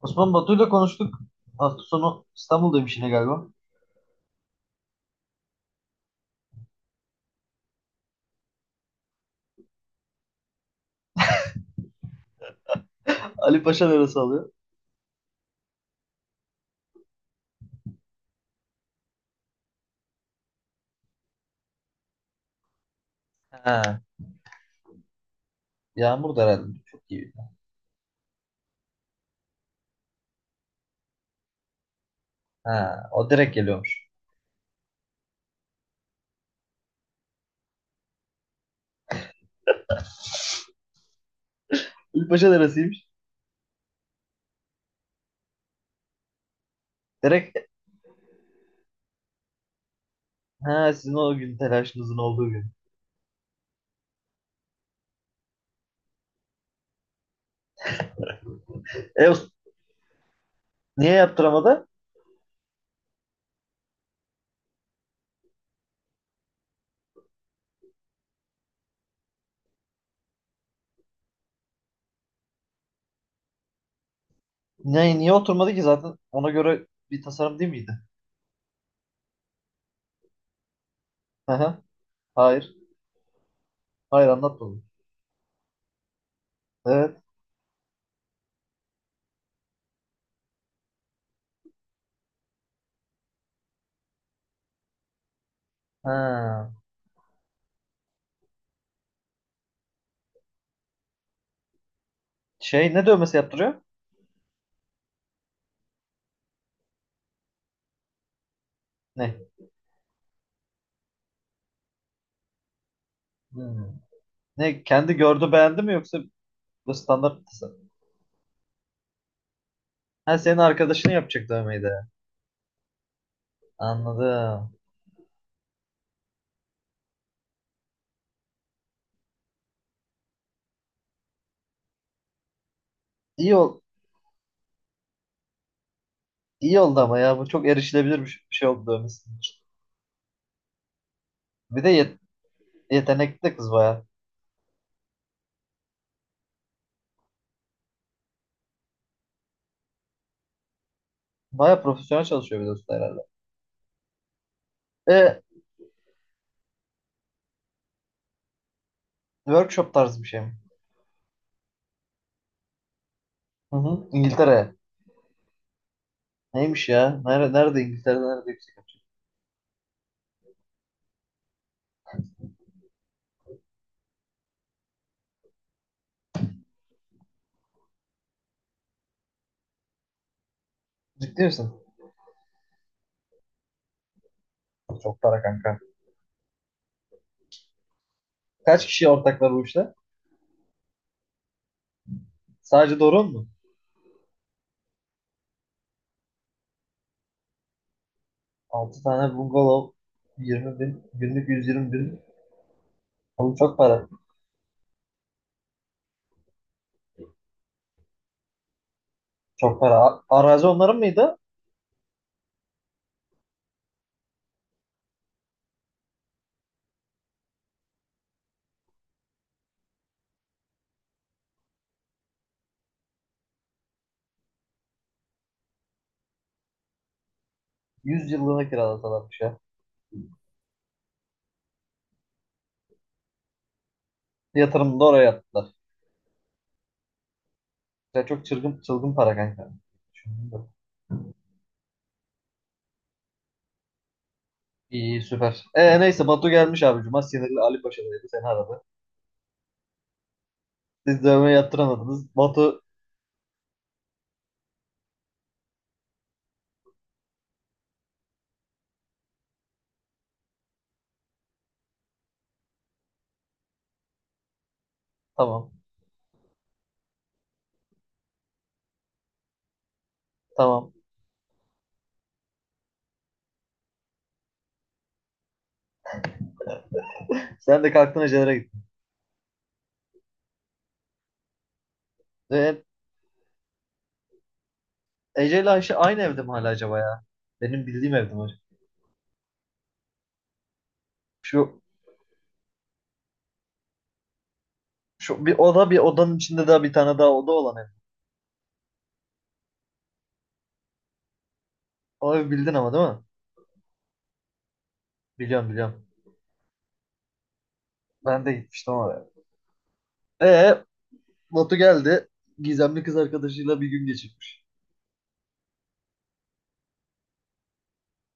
Osman Batu'yla konuştuk. Hafta sonu İstanbul'daymış yine galiba. Ali Paşa neresi alıyor? Ha, Yağmur da herhalde. Çok iyi. Ha, o direkt geliyormuş. Ali Paşa neresiymiş? Direkt ha, sizin o gün telaşınızın olduğu gün. E, niye yaptıramadı? Niye oturmadı ki zaten ona göre bir tasarım değil miydi? Hı hı. Hayır. Hayır anlatmadım. Evet. Ha. Şey, ne dövmesi yaptırıyor? Ne? Hmm. Ne, kendi gördü beğendi mi yoksa bu standart tasarım? Ha, senin arkadaşını yapacak dövmeyi de. Anladım. İyi ol iyi oldu ama ya, bu çok erişilebilir bir şey oldu dövmesi için. Bir de yetenekli de kız baya. Baya profesyonel çalışıyor, bir de usta herhalde. E, workshop tarzı bir şey mi? Hı hı. İngiltere. Neymiş ya? Nerede, İngiltere'de nerede yüksek yapacak? Ciddi misin? Çok para kanka. Kaç kişi ortaklar bu işte? Sadece Doron mu? 6 tane bungalov. 20.000 günlük 120.000. Oğlum çok para. Çok para. Arazi onların mıydı? 100 yıllığına kiralasalarmış ya. Yatırımını da oraya yaptılar. Sen, çok çılgın çılgın para kanka. Düşündüm de. İyi, süper. Neyse Batu gelmiş abi. Cuma sinirli Ali Paşa'daydı. Seni aradı. Siz dövmeyi yaptıramadınız. Batu, tamam. Tamam. Sen de kalktın Ece'lere gittin. Ee, Ece ile Ayşe aynı evde mi hala acaba ya? Benim bildiğim evde mi acaba? Şu, şu bir oda, bir odanın içinde daha bir tane daha oda olan ev. O evi bildin ama, değil mi? Biliyorum, biliyorum. Ben de gitmiştim oraya. Ee, Batu geldi. Gizemli kız arkadaşıyla bir gün geçirmiş.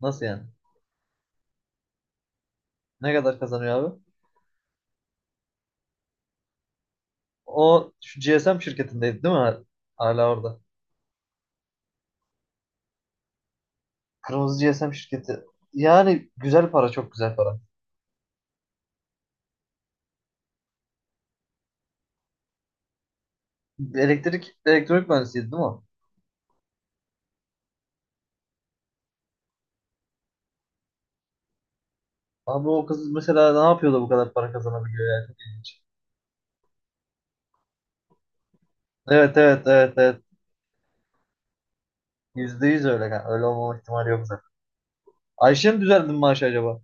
Nasıl yani? Ne kadar kazanıyor abi? O şu GSM şirketindeydi değil mi? Hala orada. Kırmızı GSM şirketi. Yani güzel para, çok güzel para. Elektrik, elektronik mühendisiydi değil mi? Abi o kız mesela ne yapıyor da bu kadar para kazanabiliyor yani? Çok ilginç. Evet, evet, evet, evet. %100 öyle. Yani. Öyle olmama ihtimali yok zaten. Ayşe'nin düzeldi mi maaşı acaba?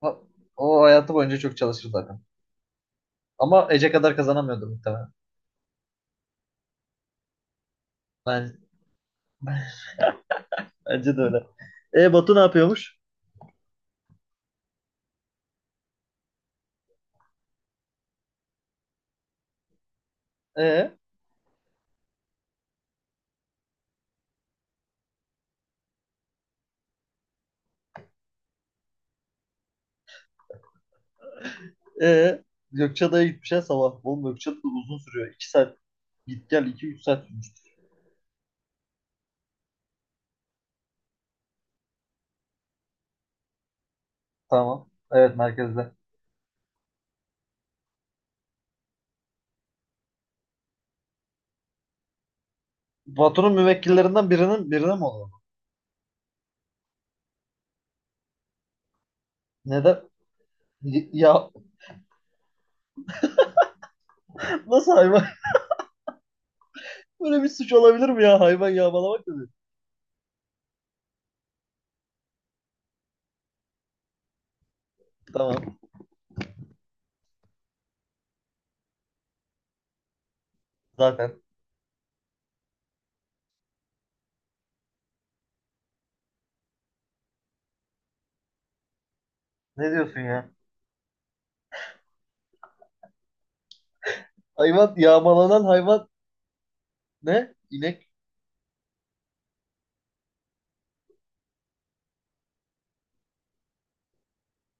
Ha. O hayatı boyunca çok çalışır zaten. Ama Ece kadar kazanamıyordur muhtemelen. Ben, bence de öyle. E, Batu ne yapıyormuş? E? Ee, Gökçeada'ya gitmişler sabah. Oğlum Gökçeada da uzun sürüyor. 2 saat git gel, iki üç saat sürmüş. Tamam. Evet, merkezde. Patronun müvekkillerinden birinin birine mi oluyor? Neden? Ya, nasıl hayvan? Böyle bir suç olabilir mi ya? Hayvan yağmalamak mı? Tamam. Zaten. Ne diyorsun ya? Hayvan yağmalanan hayvan ne? İnek,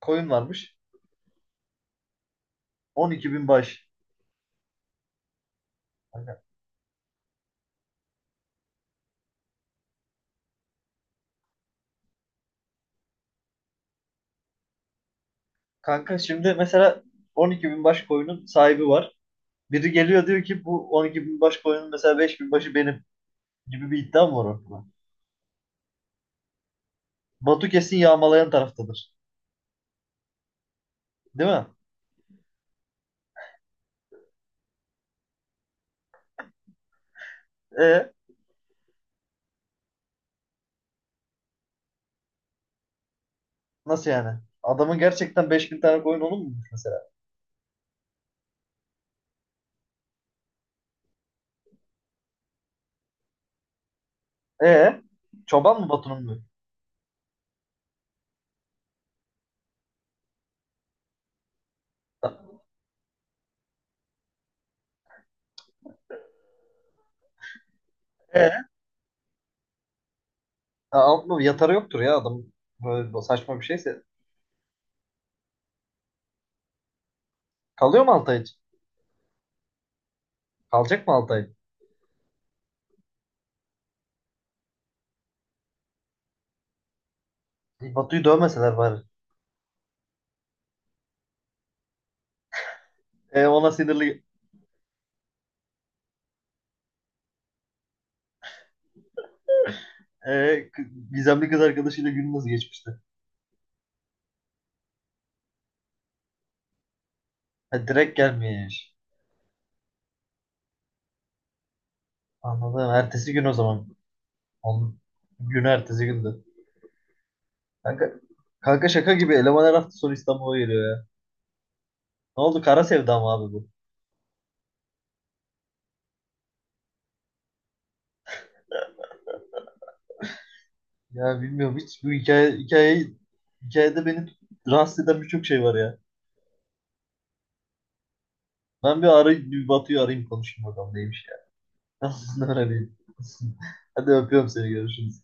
koyun varmış. 12.000 baş. Kanka kanka, şimdi mesela 12.000 baş koyunun sahibi var. Biri geliyor diyor ki, bu 12.000 baş koyunun mesela 5.000 başı benim, gibi bir iddiam var ortada. Batu kesin yağmalayan taraftadır. Değil mi? E, nasıl yani? Adamın gerçekten 5.000 tane koyun olur mu mesela? E, çoban mı Batu'nun mu? E, alt mı? Yatarı yoktur ya adam. Böyle saçma bir şeyse. Kalıyor mu Altay için? Kalacak mı Altay? E, Batu'yu dövmeseler bari. E, ona sinirli. e, k- Gizemli kız arkadaşıyla gün nasıl geçmişti? Ha, direkt gelmiyor yani. Anladım. Ertesi gün o zaman. Onun, Gün ertesi gündü. Kanka, kanka, şaka gibi. Elemanlar her hafta sonu İstanbul'a geliyor ya. Ne oldu, kara sevda mı abi bu? Ya bilmiyorum, hiç bu hikayede beni rahatsız eden birçok şey var ya. Ben bir Batu'yu arayayım, konuşayım bakalım neymiş ya. Tamam, öğreneyim. Hadi, öpüyorum seni, görüşürüz.